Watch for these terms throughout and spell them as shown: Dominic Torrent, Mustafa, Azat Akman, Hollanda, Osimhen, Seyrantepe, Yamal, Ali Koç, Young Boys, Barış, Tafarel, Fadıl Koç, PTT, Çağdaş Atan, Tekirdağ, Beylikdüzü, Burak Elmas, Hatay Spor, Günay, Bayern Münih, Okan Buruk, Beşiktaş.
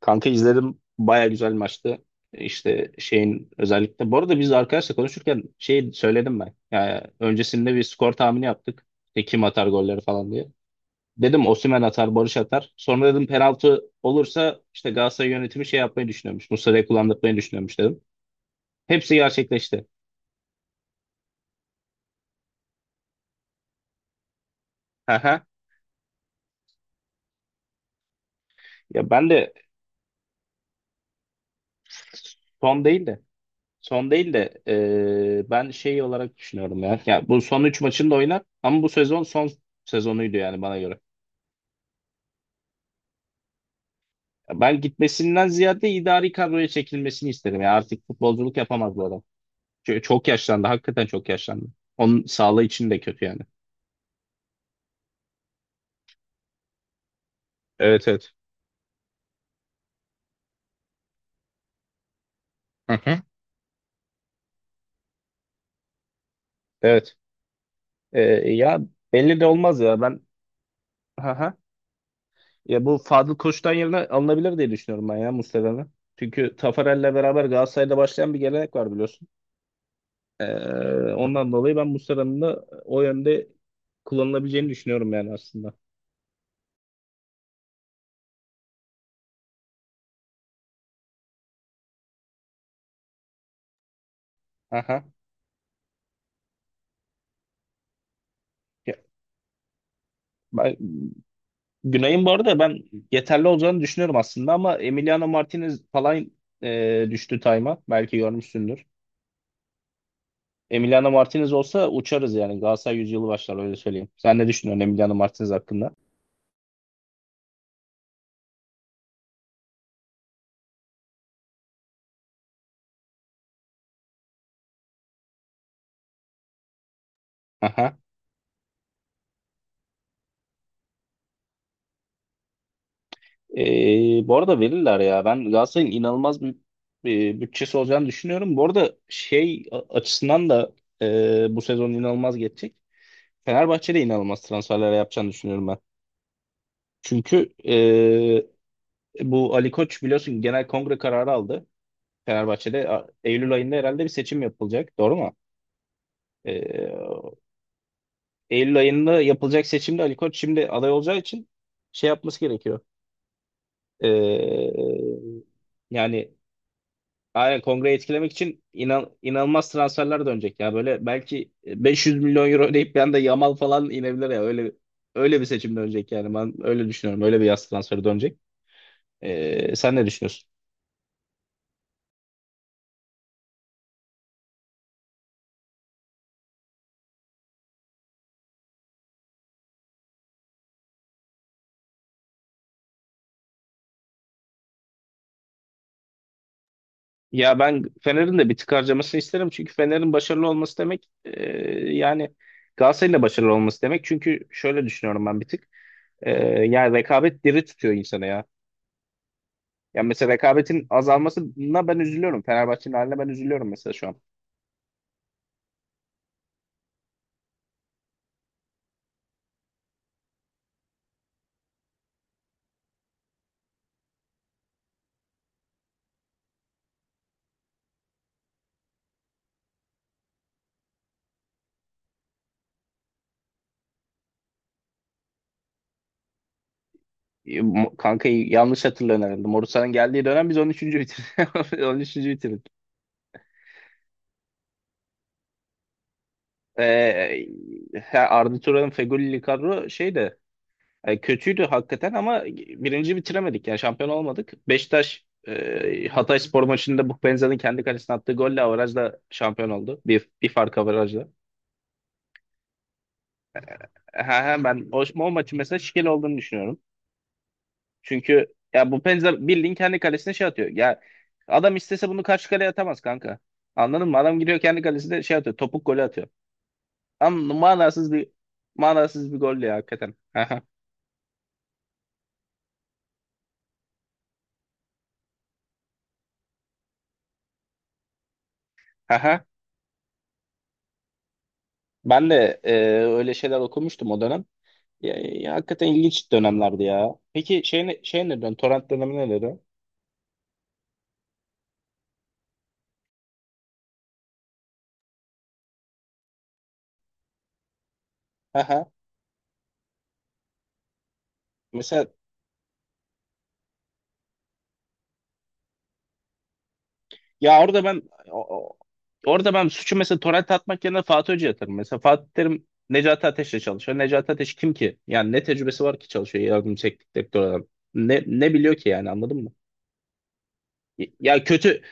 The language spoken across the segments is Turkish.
Kanka izledim. Baya güzel maçtı. İşte şeyin özellikle. Bu arada biz arkadaşla konuşurken şey söyledim ben. Yani öncesinde bir skor tahmini yaptık. İşte kim atar golleri falan diye. Dedim Osimhen atar, Barış atar. Sonra dedim penaltı olursa işte Galatasaray yönetimi şey yapmayı düşünüyormuş. Muslera'yı kullandırmayı düşünüyormuş dedim. Hepsi gerçekleşti. Aha. Ya ben de son değil de son değil de, ben şey olarak düşünüyorum ya. Ya bu son 3 maçını da oynar ama bu sezon son sezonuydu yani bana göre. Ben gitmesinden ziyade idari kadroya çekilmesini isterim. Yani artık futbolculuk yapamaz bu adam. Çünkü çok yaşlandı. Hakikaten çok yaşlandı. Onun sağlığı için de kötü yani. Evet, evet. Hı hı. Evet. Ee, Ya belli de olmaz ya ben, hı hı. Ya bu Fadıl Koç'tan yerine alınabilir diye düşünüyorum ben ya Mustafa'nın. Çünkü Tafarel'le beraber Galatasaray'da başlayan bir gelenek var biliyorsun. Ee, Ondan dolayı ben Mustafa'nın da o yönde kullanılabileceğini düşünüyorum yani aslında. Aha. Ya, ben- Günay'ın bu arada ben yeterli olacağını düşünüyorum aslında ama Emiliano Martinez falan düştü time'a. Belki görmüşsündür. Emiliano Martinez olsa uçarız yani. Galatasaray yüzyılı başlar, öyle söyleyeyim. Sen ne düşünüyorsun Emiliano Martinez hakkında? Aha. Bu arada verirler ya. Ben Galatasaray'ın inanılmaz bir bütçesi olacağını düşünüyorum. Bu arada şey açısından da bu sezon inanılmaz geçecek. Fenerbahçe de inanılmaz transferler yapacağını düşünüyorum ben. Çünkü bu Ali Koç biliyorsun genel kongre kararı aldı. Fenerbahçe'de Eylül ayında herhalde bir seçim yapılacak. Doğru mu? Ee, Eylül ayında yapılacak seçimde Ali Koç şimdi aday olacağı için şey yapması gerekiyor. Ee, Yani aynen kongreyi etkilemek için inanılmaz transferler dönecek ya. Böyle belki 500 milyon euro ödeyip bir anda Yamal falan inebilir ya. Öyle bir seçim dönecek yani. Ben öyle düşünüyorum. Öyle bir yaz transferi dönecek. Sen ne düşünüyorsun? Ya ben Fener'in de bir tık harcamasını isterim. Çünkü Fener'in başarılı olması demek, yani Galatasaray'ın da başarılı olması demek. Çünkü şöyle düşünüyorum ben bir tık. E, Yani rekabet diri tutuyor insanı ya. Yani mesela rekabetin azalmasına ben üzülüyorum. Fenerbahçe'nin haline ben üzülüyorum mesela şu an. Kanka'yı yanlış hatırlıyorum herhalde. Morusanın geldiği dönem biz 13. bitirdik. 13. bitirdik. Ha, Arda Turan'ın Feghouli kadro şeydi. Yani kötüydü hakikaten ama birinci bitiremedik. Yani şampiyon olmadık. Beşiktaş, Hatay Spor maçında Bukbenza'nın kendi kalesine attığı golle averajla şampiyon oldu. Bir fark averajla. Ha, ha, ben o maçın mesela şikeli olduğunu düşünüyorum. Çünkü ya Bukbenza bildiğin kendi kalesine şey atıyor. Ya adam istese bunu karşı kaleye atamaz kanka. Anladın mı? Adam giriyor kendi kalesine şey atıyor. Topuk golü atıyor. Ama manasız bir gol ya hakikaten. Ha, ha, ha, ha. Ben de öyle şeyler okumuştum o dönem. Ya, ya hakikaten ilginç dönemlerdi ya. Peki şey ne, şey nereden? Torrent dönemi neleri? Aha. Mesela ya o- o- orada ben suçu mesela torrent atmak yerine Fatih Hoca'ya atarım. Mesela Fatih Terim Necati Ateş'le çalışıyor. Necati Ateş kim ki? Yani ne tecrübesi var ki çalışıyor yardım teknik direktör adam. Ne biliyor ki yani, anladın mı? Ya kötü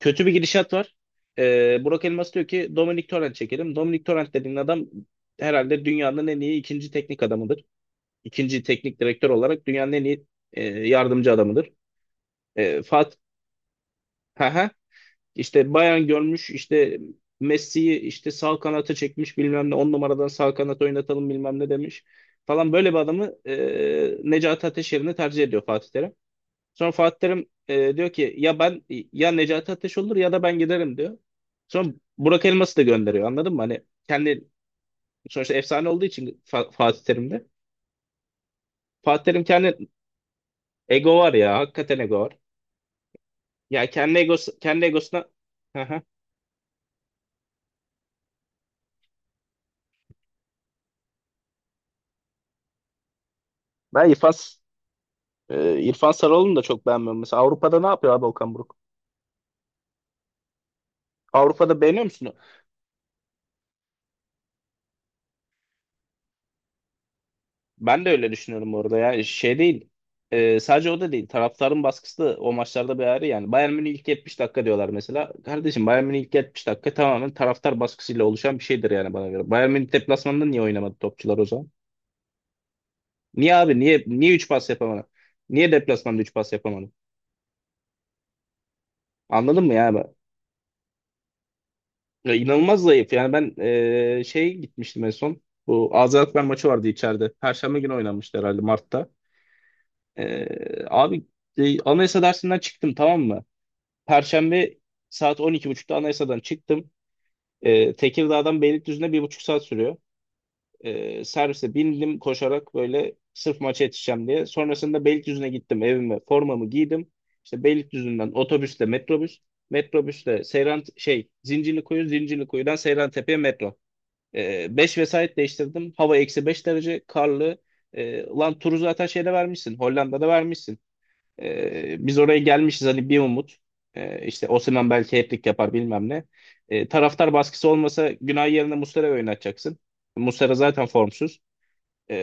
kötü bir gidişat var. Burak Elmas diyor ki Dominic Torrent çekelim. Dominic Torrent dediğin adam herhalde dünyanın en iyi ikinci teknik adamıdır. İkinci teknik direktör olarak dünyanın en iyi yardımcı adamıdır. E, Fat ha işte Bayern görmüş, işte Messi'yi işte sağ kanata çekmiş, bilmem ne 10 numaradan sağ kanat oynatalım bilmem ne demiş falan, böyle bir adamı Necati Ateş yerine tercih ediyor Fatih Terim. Sonra Fatih Terim diyor ki ya ben ya Necati Ateş olur ya da ben giderim diyor. Sonra Burak Elmas'ı da gönderiyor, anladın mı? Hani kendi sonuçta efsane olduğu için Fatih Terim'de. Fatih Terim kendi, ego var ya hakikaten, ego var. Ya kendi egosu, kendi egosuna. Hı hı. Ben İrfan Sarıoğlu'nu da çok beğenmiyorum. Mesela Avrupa'da ne yapıyor abi Okan Buruk? Avrupa'da beğeniyor musun? Ben de öyle düşünüyorum orada ya. Şey değil. Sadece o da değil. Taraftarın baskısı da o maçlarda bir ayrı yani. Bayern Münih ilk 70 dakika diyorlar mesela. Kardeşim Bayern Münih ilk 70 dakika tamamen taraftar baskısıyla oluşan bir şeydir yani bana göre. Bayern Münih deplasmanında niye oynamadı topçular o zaman? Niye abi? Niye 3 pas yapamadı? Niye deplasmanda 3 pas yapamadı? Anladın mı ya? Ya inanılmaz zayıf. Yani ben şey gitmiştim en son. Bu Azerbaycan maçı vardı içeride. Perşembe günü oynanmıştı herhalde Mart'ta. Abi, anayasa dersinden çıktım, tamam mı? Perşembe saat 12.30'da anayasadan çıktım. Tekirdağ'dan Beylikdüzü'ne 1,5 saat sürüyor. Servise bindim koşarak böyle sırf maça yetişeceğim diye. Sonrasında Beylikdüzü'ne gittim evime. Formamı giydim. İşte Beylikdüzü'nden otobüsle metrobüs. Metrobüsle Seyran şey Zincirlikuyu, Zincirlikuyu'dan Seyrantepe'ye metro. 5 vesait değiştirdim. Hava -5 derece karlı. Ulan turu zaten şeyde vermişsin. Hollanda'da vermişsin. Biz oraya gelmişiz hani bir umut. İşte Osimhen belki hat-trick yapar bilmem ne. Taraftar baskısı olmasa Günay yerine Muslera'yı oynatacaksın. Muslera zaten formsuz. E,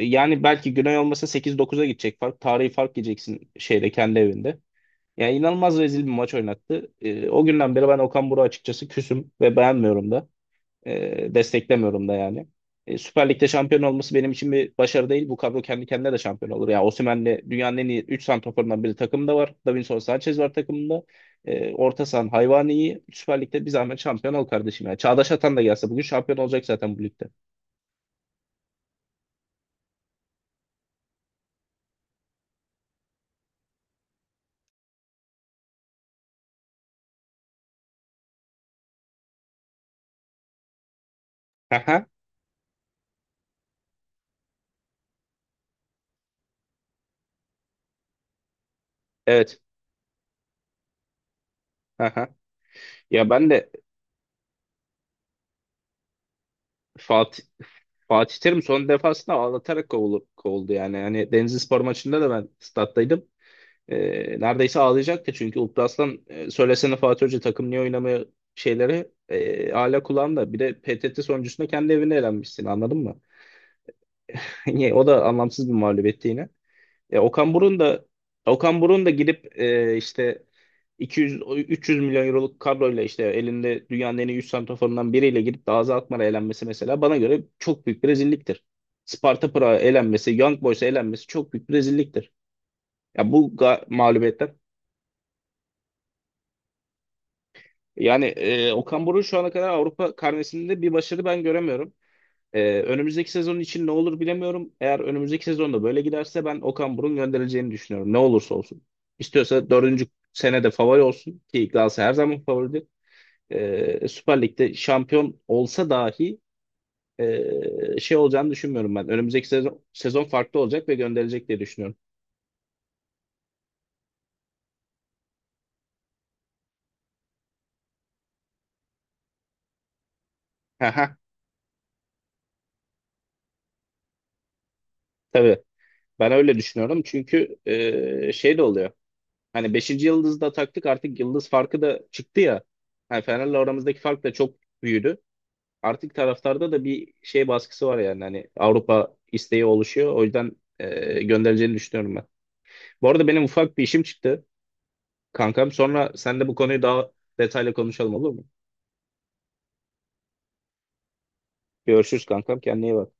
Yani belki Günay olmasa sekiz dokuz'a gidecek fark. Tarihi fark yiyeceksin şeyde kendi evinde. Yani inanılmaz rezil bir maç oynattı. O günden beri ben Okan Buruk'a açıkçası küsüm ve beğenmiyorum da. Desteklemiyorum da yani. Süper Lig'de şampiyon olması benim için bir başarı değil. Bu kadro kendi kendine de şampiyon olur. Yani Osimhen'le dünyanın en iyi 3 santraforundan biri takımda var. Davinson Sanchez var takımında. Orta sahan hayvani iyi. Süper Lig'de bir zahmet şampiyon ol kardeşim. Yani Çağdaş Atan da gelse bugün şampiyon olacak zaten bu ligde. Aha, evet. Aha. Ya ben de Fatih Fatih Terim son defasında ağlatarak kovuldu yani. Yani Denizlispor maçında da ben stattaydım. Neredeyse ağlayacaktı çünkü Ultras'tan söylesene Fatih Hoca takım niye oynamıyor şeyleri hala kulağında. Bir de PTT sonucunda kendi evine elenmişsin, anladın mı? Niye? O da anlamsız bir mağlubiyetti yine. E, Okan Burun da Okan Burun da gidip işte 200 300 milyon euroluk kadroyla işte elinde dünyanın en iyi 100 santraforundan biriyle gidip de Azat Akman'a elenmesi mesela bana göre çok büyük bir rezilliktir. Sparta Prag'a elenmesi, Young Boys'a elenmesi çok büyük bir rezilliktir. Ya bu mağlubiyetler. Yani Okan Buruk şu ana kadar Avrupa karnesinde bir başarı ben göremiyorum. Önümüzdeki sezon için ne olur bilemiyorum. Eğer önümüzdeki sezonda böyle giderse ben Okan Buruk'un gönderileceğini düşünüyorum. Ne olursa olsun. İstiyorsa dördüncü senede favori olsun ki Galatasaray her zaman favoridir. Süper Lig'de şampiyon olsa dahi şey olacağını düşünmüyorum ben. Önümüzdeki sezon farklı olacak ve gönderilecek diye düşünüyorum. Haha, tabii. Ben öyle düşünüyorum çünkü şey de oluyor. Hani 5. yıldızda taktık artık yıldız farkı da çıktı ya. Hani Fener'le aramızdaki fark da çok büyüdü. Artık taraftarda da bir şey baskısı var yani. Hani Avrupa isteği oluşuyor. O yüzden göndereceğini düşünüyorum ben. Bu arada benim ufak bir işim çıktı kankam. Sonra sen de bu konuyu daha detaylı konuşalım, olur mu? Görüşürüz kankam. Kendine iyi bak.